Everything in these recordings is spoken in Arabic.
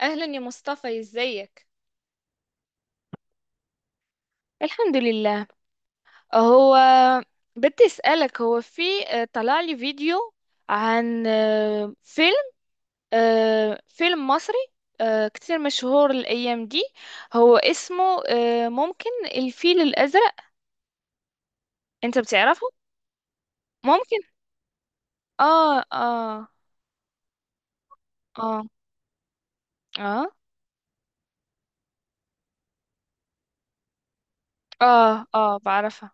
أهلا يا مصطفى، ازيك؟ الحمد لله. هو بدي أسألك. هو في، طلع لي فيديو عن فيلم، فيلم مصري كتير مشهور الأيام دي. هو اسمه، ممكن، الفيل الأزرق. أنت بتعرفه؟ ممكن. آه آه آه آه آه آه، بعرفها.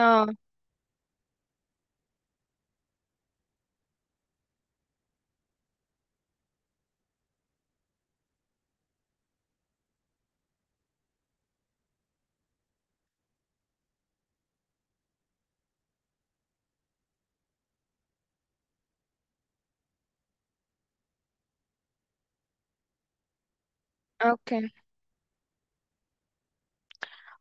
آه. أوكي.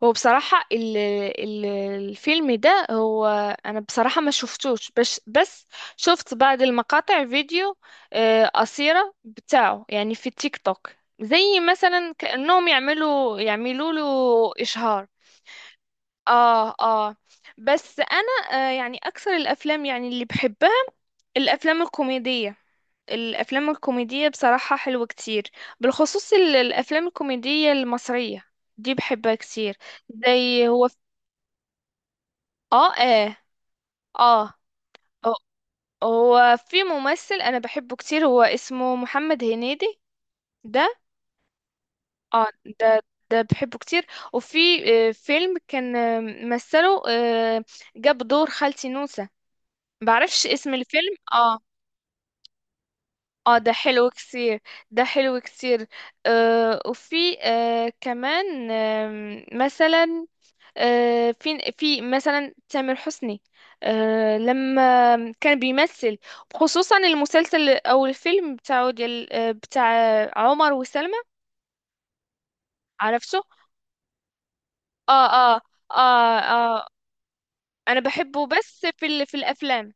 هو بصراحة ال ال الفيلم ده، هو أنا بصراحة ما شفتوش، بس شفت بعض المقاطع فيديو قصيرة بتاعه، يعني في التيك توك. زي مثلا كأنهم يعملوا له إشهار. آه آه. بس أنا، يعني أكثر الأفلام يعني اللي بحبها الأفلام الكوميدية. الأفلام الكوميدية بصراحة حلوة كتير، بالخصوص الأفلام الكوميدية المصرية. دي بحبها كتير. زي هو اه اه اه هو هو في ممثل انا بحبه كتير، هو اسمه محمد هنيدي، ده. اه. ده ده بحبه كتير. وفي فيلم كان مثله، جاب دور خالتي نوسة، بعرفش اسم الفيلم. اه اه. ده حلو كتير، ده حلو كتير. وفي كمان، مثلا، في مثلا تامر حسني، لما كان بيمثل، خصوصا المسلسل او الفيلم بتاعه ديال بتاع عمر وسلمى. عرفته. اه اه اه اه. انا بحبه، بس في الافلام،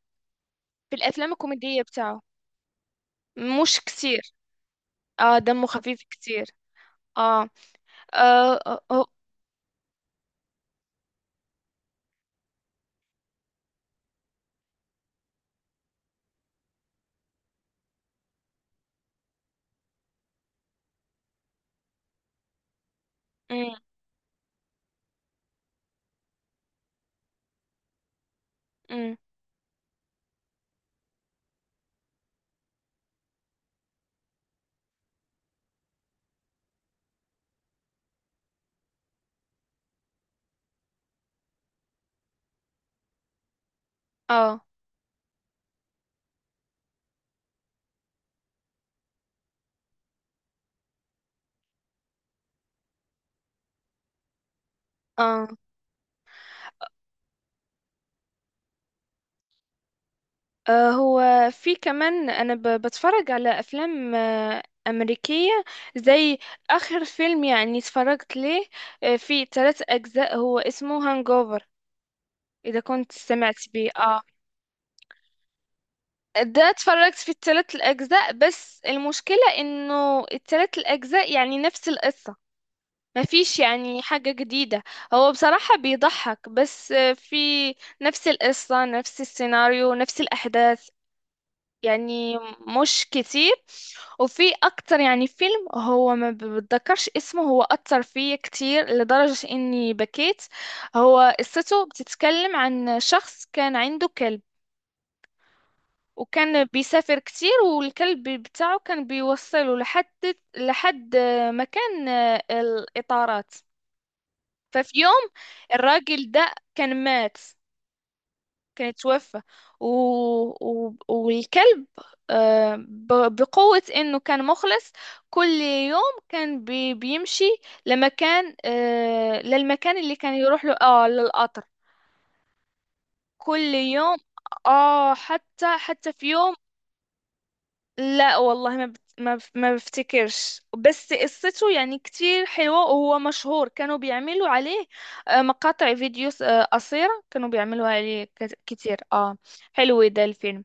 في الافلام الكوميدية بتاعه. مش كتير. اه، دمه خفيف كتير. اه اه اه. آه، أمم، أمم، اه اه، آه. هو في كمان انا بتفرج على افلام امريكيه. زي اخر فيلم يعني اتفرجت ليه، في ثلاث اجزاء، هو اسمه هانجوفر. اذا كنت سمعت بيه. اه. ده اتفرجت في الثلاث الاجزاء، بس المشكله انه الثلاث الاجزاء يعني نفس القصه، ما فيش يعني حاجه جديده. هو بصراحه بيضحك، بس في نفس القصه، نفس السيناريو، نفس الاحداث يعني. مش كتير. وفي اكتر يعني فيلم، هو ما بتذكرش اسمه، هو اثر فيا كتير لدرجة اني بكيت. هو قصته بتتكلم عن شخص كان عنده كلب، وكان بيسافر كتير. والكلب بتاعه كان بيوصله لحد مكان الإطارات. ففي يوم الراجل ده كان مات، كانت توفى. و... والكلب، بقوة انه كان مخلص. كل يوم كان بيمشي لمكان، للمكان اللي كان يروح له، اه، للقطر، كل يوم. اه حتى في يوم. لا والله ما بت... ما بف- ما بفتكرش، بس قصته يعني كتير حلوة، وهو مشهور. كانوا بيعملوا عليه مقاطع فيديوز قصيرة، كانوا بيعملوا عليه كتير. اه. حلو ده الفيلم.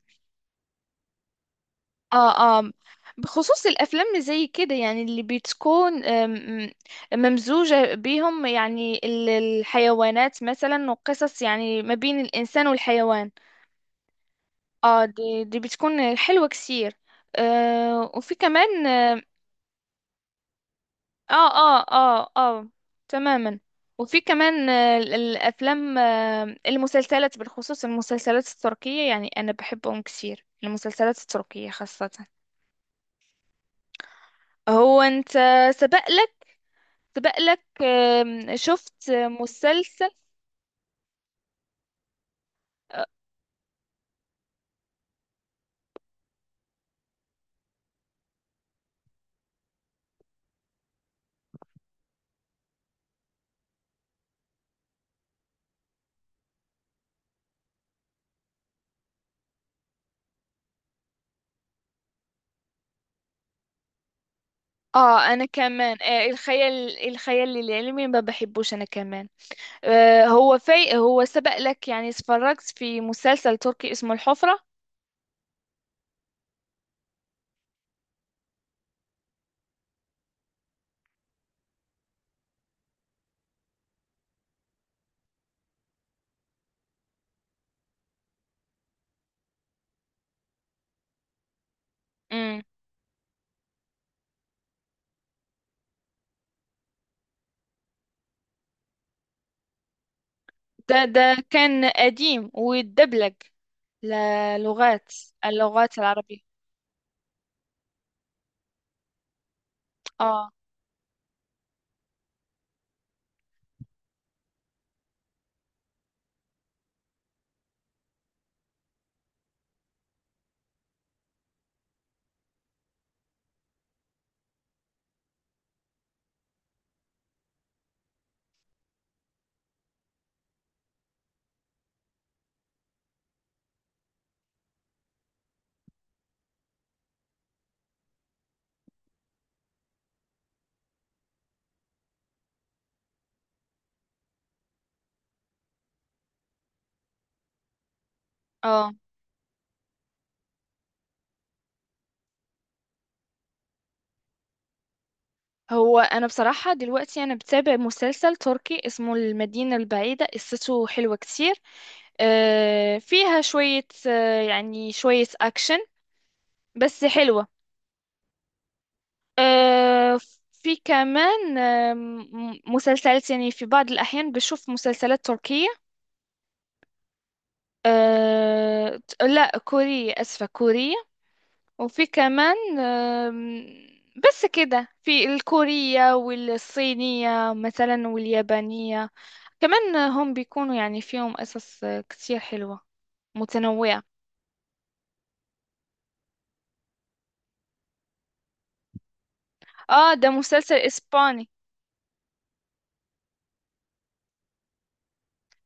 اه اه. بخصوص الافلام اللي زي كده، يعني اللي بتكون ممزوجة بيهم، يعني الحيوانات مثلا، وقصص يعني ما بين الانسان والحيوان. اه، دي بتكون حلوة كثير. وفي كمان. اه اه اه اه. آه، تماما. وفي كمان، الافلام، المسلسلات، بالخصوص المسلسلات التركية، يعني انا بحبهم كثير، المسلسلات التركية خاصة. هو انت سبق لك سبق لك شفت مسلسل؟ اه. انا كمان، الخيال العلمي ما بحبوش انا كمان. هو في، هو سبق لك يعني اتفرجت في مسلسل تركي اسمه الحفرة؟ امم. ده كان قديم، ويتدبلج للغات، اللغات العربية. اه اه. هو انا بصراحه دلوقتي انا بتابع مسلسل تركي اسمه المدينه البعيده، قصته حلوه كتير. فيها شويه، يعني شويه اكشن، بس حلوه. آه، في كمان مسلسلات، يعني في بعض الاحيان بشوف مسلسلات تركيه، لا كورية، اسفه، كورية. وفي كمان، بس كده، في الكورية والصينية مثلا واليابانية كمان، هم بيكونوا يعني فيهم قصص كتير حلوة متنوعة. اه، ده مسلسل اسباني.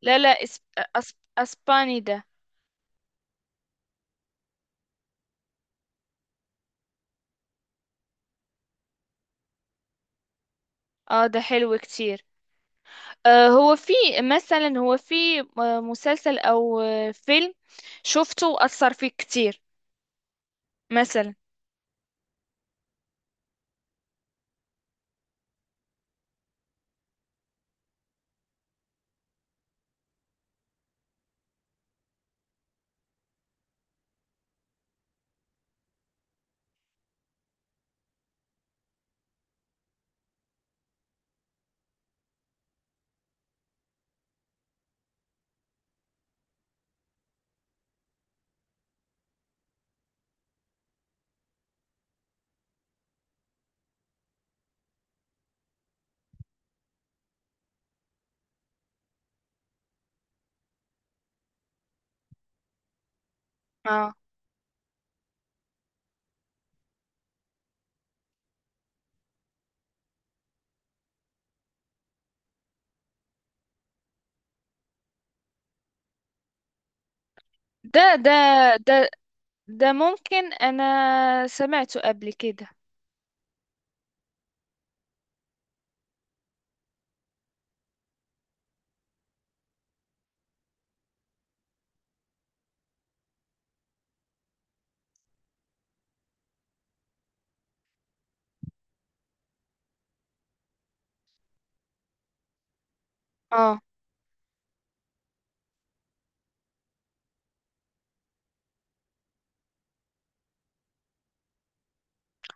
لا لا، اسباني ده. اه، ده حلو كتير. هو في، مثلا هو في مسلسل او فيلم شفته اثر فيك كتير مثلا. اه، ده ده ده ده ممكن انا سمعته قبل كده. اه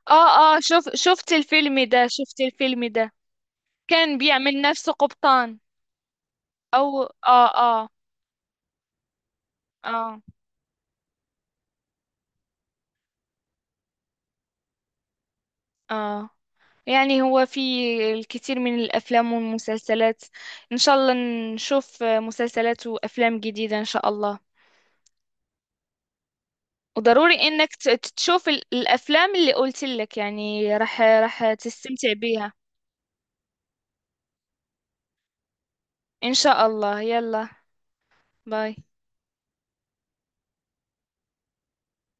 اه اه، شوف، شفت الفيلم ده، شفت الفيلم ده، كان بيعمل نفسه قبطان. او. اه اه اه اه. يعني هو في الكثير من الافلام والمسلسلات، ان شاء الله نشوف مسلسلات وافلام جديدة ان شاء الله. وضروري انك تشوف الافلام اللي قلت لك، يعني راح تستمتع بيها. ان شاء الله، يلا، باي.